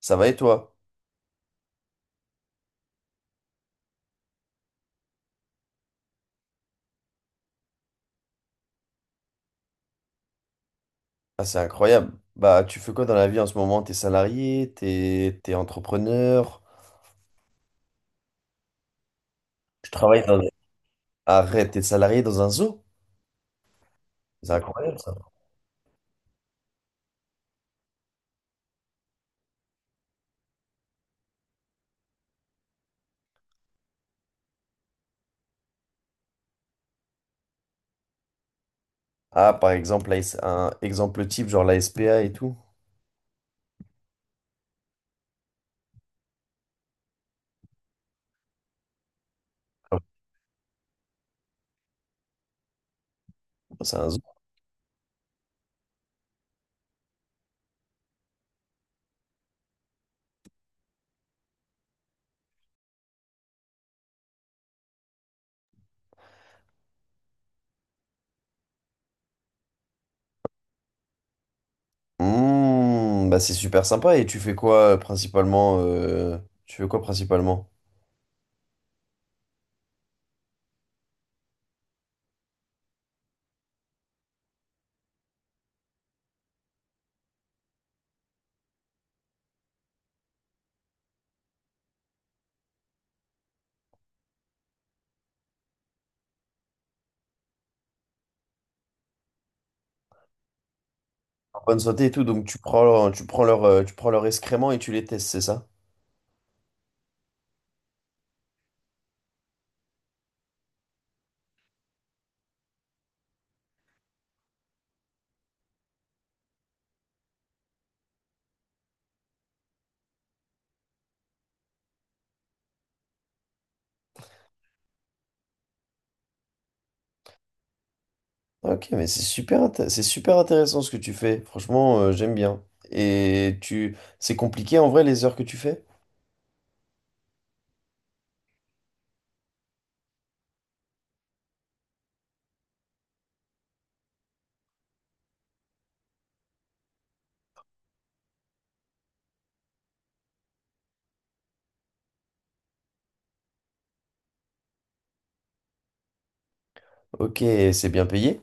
Ça va et toi? Ah, c'est incroyable. Bah, tu fais quoi dans la vie en ce moment? T'es salarié? T'es entrepreneur? Tu travailles dans... Arrête, t'es salarié dans un zoo? C'est incroyable ça. Ah, par exemple, un exemple type, genre la SPA et tout. Ah, c'est un zoo. Mmh, bah, c'est super sympa. Et tu fais quoi principalement? Tu fais quoi principalement? En bonne santé et tout, donc tu prends tu prends leur excrément et tu les testes, c'est ça? Ok, mais c'est super, c'est super intéressant ce que tu fais. Franchement, j'aime bien. Et c'est compliqué en vrai les heures que tu fais? Ok, c'est bien payé.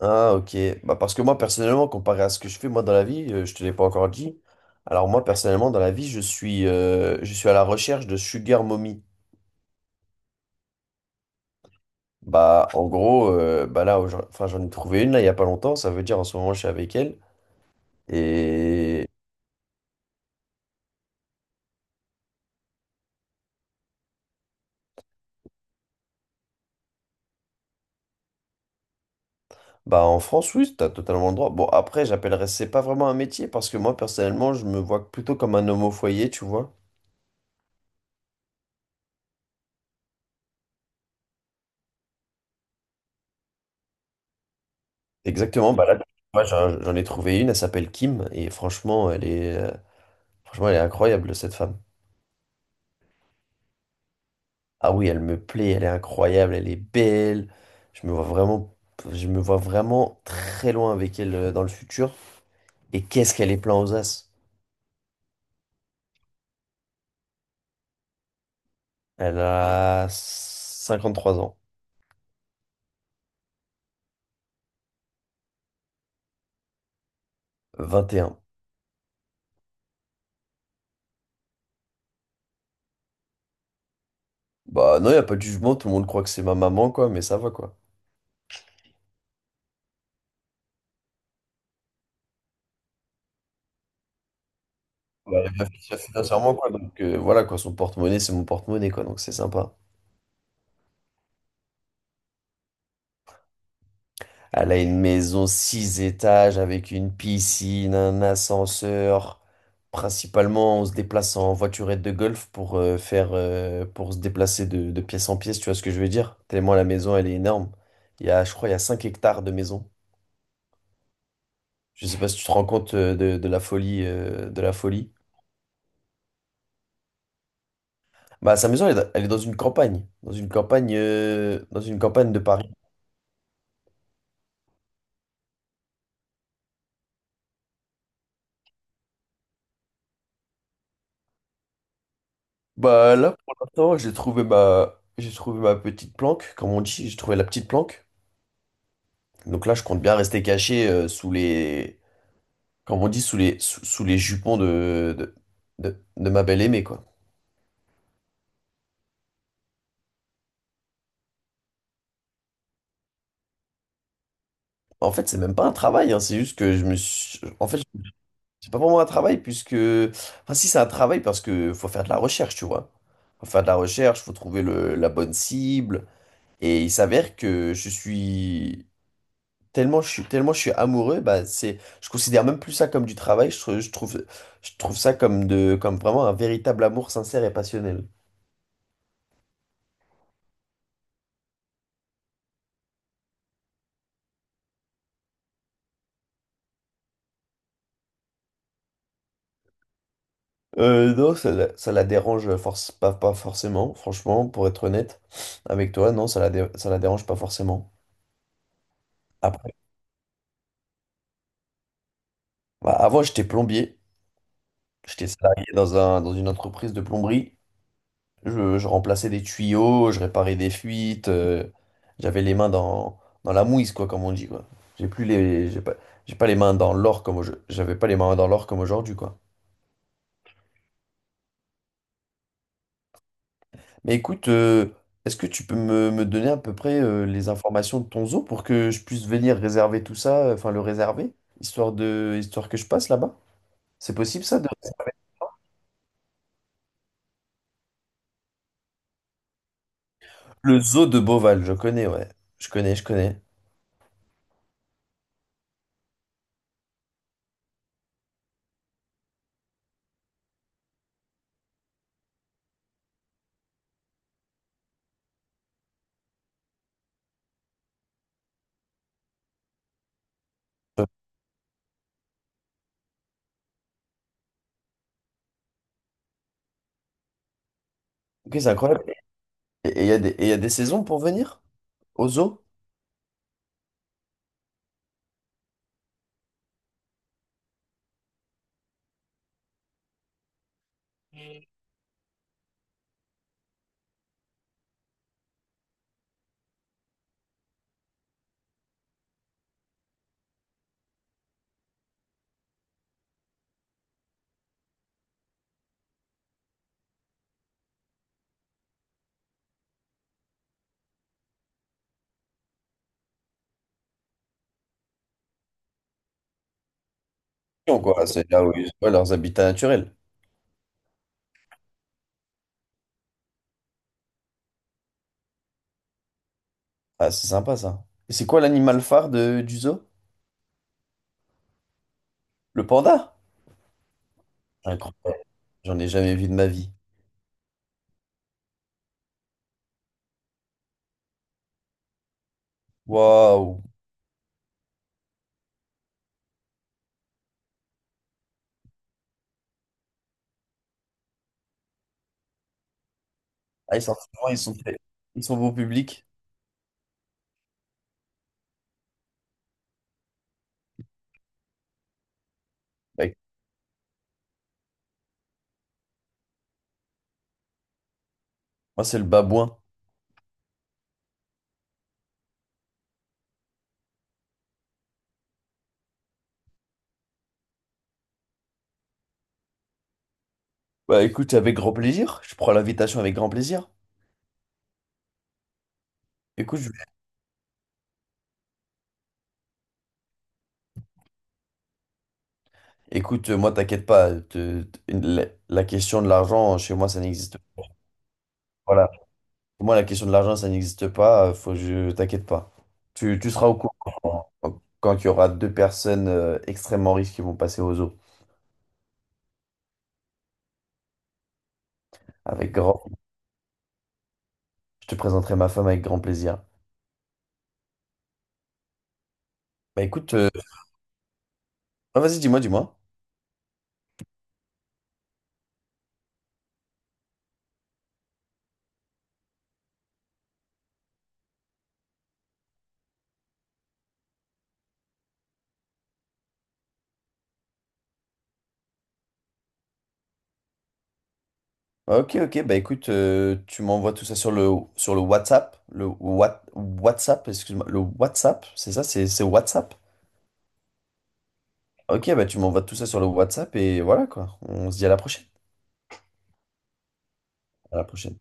Ah, ok. Bah parce que moi personnellement, comparé à ce que je fais moi dans la vie, je te l'ai pas encore dit. Alors moi personnellement dans la vie, je suis à la recherche de sugar mommy. Bah en gros, là, enfin j'en ai trouvé une là il y a pas longtemps. Ça veut dire en ce moment je suis avec elle. et Bah en France, oui, t'as totalement le droit. Bon, après, j'appellerais, c'est pas vraiment un métier parce que moi, personnellement, je me vois plutôt comme un homme au foyer, tu vois. Exactement, bah là, moi, j'en ai trouvé une, elle s'appelle Kim, et franchement, franchement, elle est incroyable, cette femme. Ah oui, elle me plaît, elle est incroyable, elle est belle. Je me vois vraiment, je me vois vraiment très loin avec elle dans le futur. Et qu'est-ce qu'elle est plein aux as? Elle a 53 ans, 21. Bah non, il a pas de jugement, tout le monde croit que c'est ma maman, quoi, mais ça va, quoi. Bah, elle va réfléchir financièrement, quoi. Donc voilà, quoi, son porte-monnaie, c'est mon porte-monnaie, quoi. Donc c'est sympa. Elle a une maison 6 étages avec une piscine, un ascenseur. Principalement, on se déplace en voiturette de golf pour faire pour se déplacer de pièce en pièce, tu vois ce que je veux dire? Tellement la maison, elle est énorme. Il y a 5 hectares de maison. Je sais pas si tu te rends compte de la folie de la folie. Bah, sa maison, elle est dans une campagne, dans une campagne de Paris. Bah là, pour l'instant, j'ai trouvé ma petite planque, comme on dit, j'ai trouvé la petite planque. Donc là, je compte bien rester caché comme on dit, sous les jupons de ma belle aimée, quoi. En fait, c'est même pas un travail, hein, c'est juste que je me suis... En fait, c'est pas vraiment un travail, puisque... Enfin, si, c'est un travail, parce que faut faire de la recherche, tu vois. Faut faire de la recherche, faut trouver la bonne cible. Et il s'avère que je suis... tellement je suis amoureux, je considère même plus ça comme du travail, je trouve ça comme vraiment un véritable amour sincère et passionnel. Non, ça la dérange force, pas, pas forcément, franchement, pour être honnête avec toi, non, ça la dérange pas forcément. Après, bah, avant j'étais plombier, j'étais salarié dans une entreprise de plomberie. Je remplaçais des tuyaux, je réparais des fuites. J'avais les mains dans la mouise, quoi, comme on dit, quoi. J'ai plus les, j'ai pas les mains dans l'or j'avais pas les mains dans l'or comme aujourd'hui, quoi. Mais écoute, est-ce que tu peux me donner à peu près les informations de ton zoo pour que je puisse venir réserver tout ça, enfin le réserver, histoire que je passe là-bas? C'est possible ça de- Le zoo de Beauval, je connais, ouais. Je connais. Ok, c'est incroyable. Et il y a des, et y a des saisons pour venir au zoo? Quoi. C'est là où ils ont leurs habitats naturels. Ah, c'est sympa ça. Et c'est quoi l'animal phare du zoo? Le panda? Incroyable. J'en ai jamais vu de ma vie. Waouh. Ah, ils sont vraiment- ils sont très- ils sont beau public. Bah, moi, c'est le babouin. Bah, écoute, avec grand plaisir. Je prends l'invitation avec grand plaisir. Écoute, je- écoute, moi, t'inquiète pas. La question de l'argent, chez moi, ça n'existe pas. Voilà. Pour moi, la question de l'argent, ça n'existe pas. Faut, je t'inquiète pas. Tu seras au courant quand il y aura deux personnes extrêmement riches qui vont passer aux eaux. Avec grand... Je te présenterai ma femme avec grand plaisir. Bah écoute, ah, vas-y, dis-moi. Ah, ok, ok, bah écoute, tu m'envoies tout ça sur sur le WhatsApp. WhatsApp, excuse-moi. Le WhatsApp, c'est ça, c'est WhatsApp. Ok, bah tu m'envoies tout ça sur le WhatsApp et voilà quoi. On se dit à la prochaine. À la prochaine.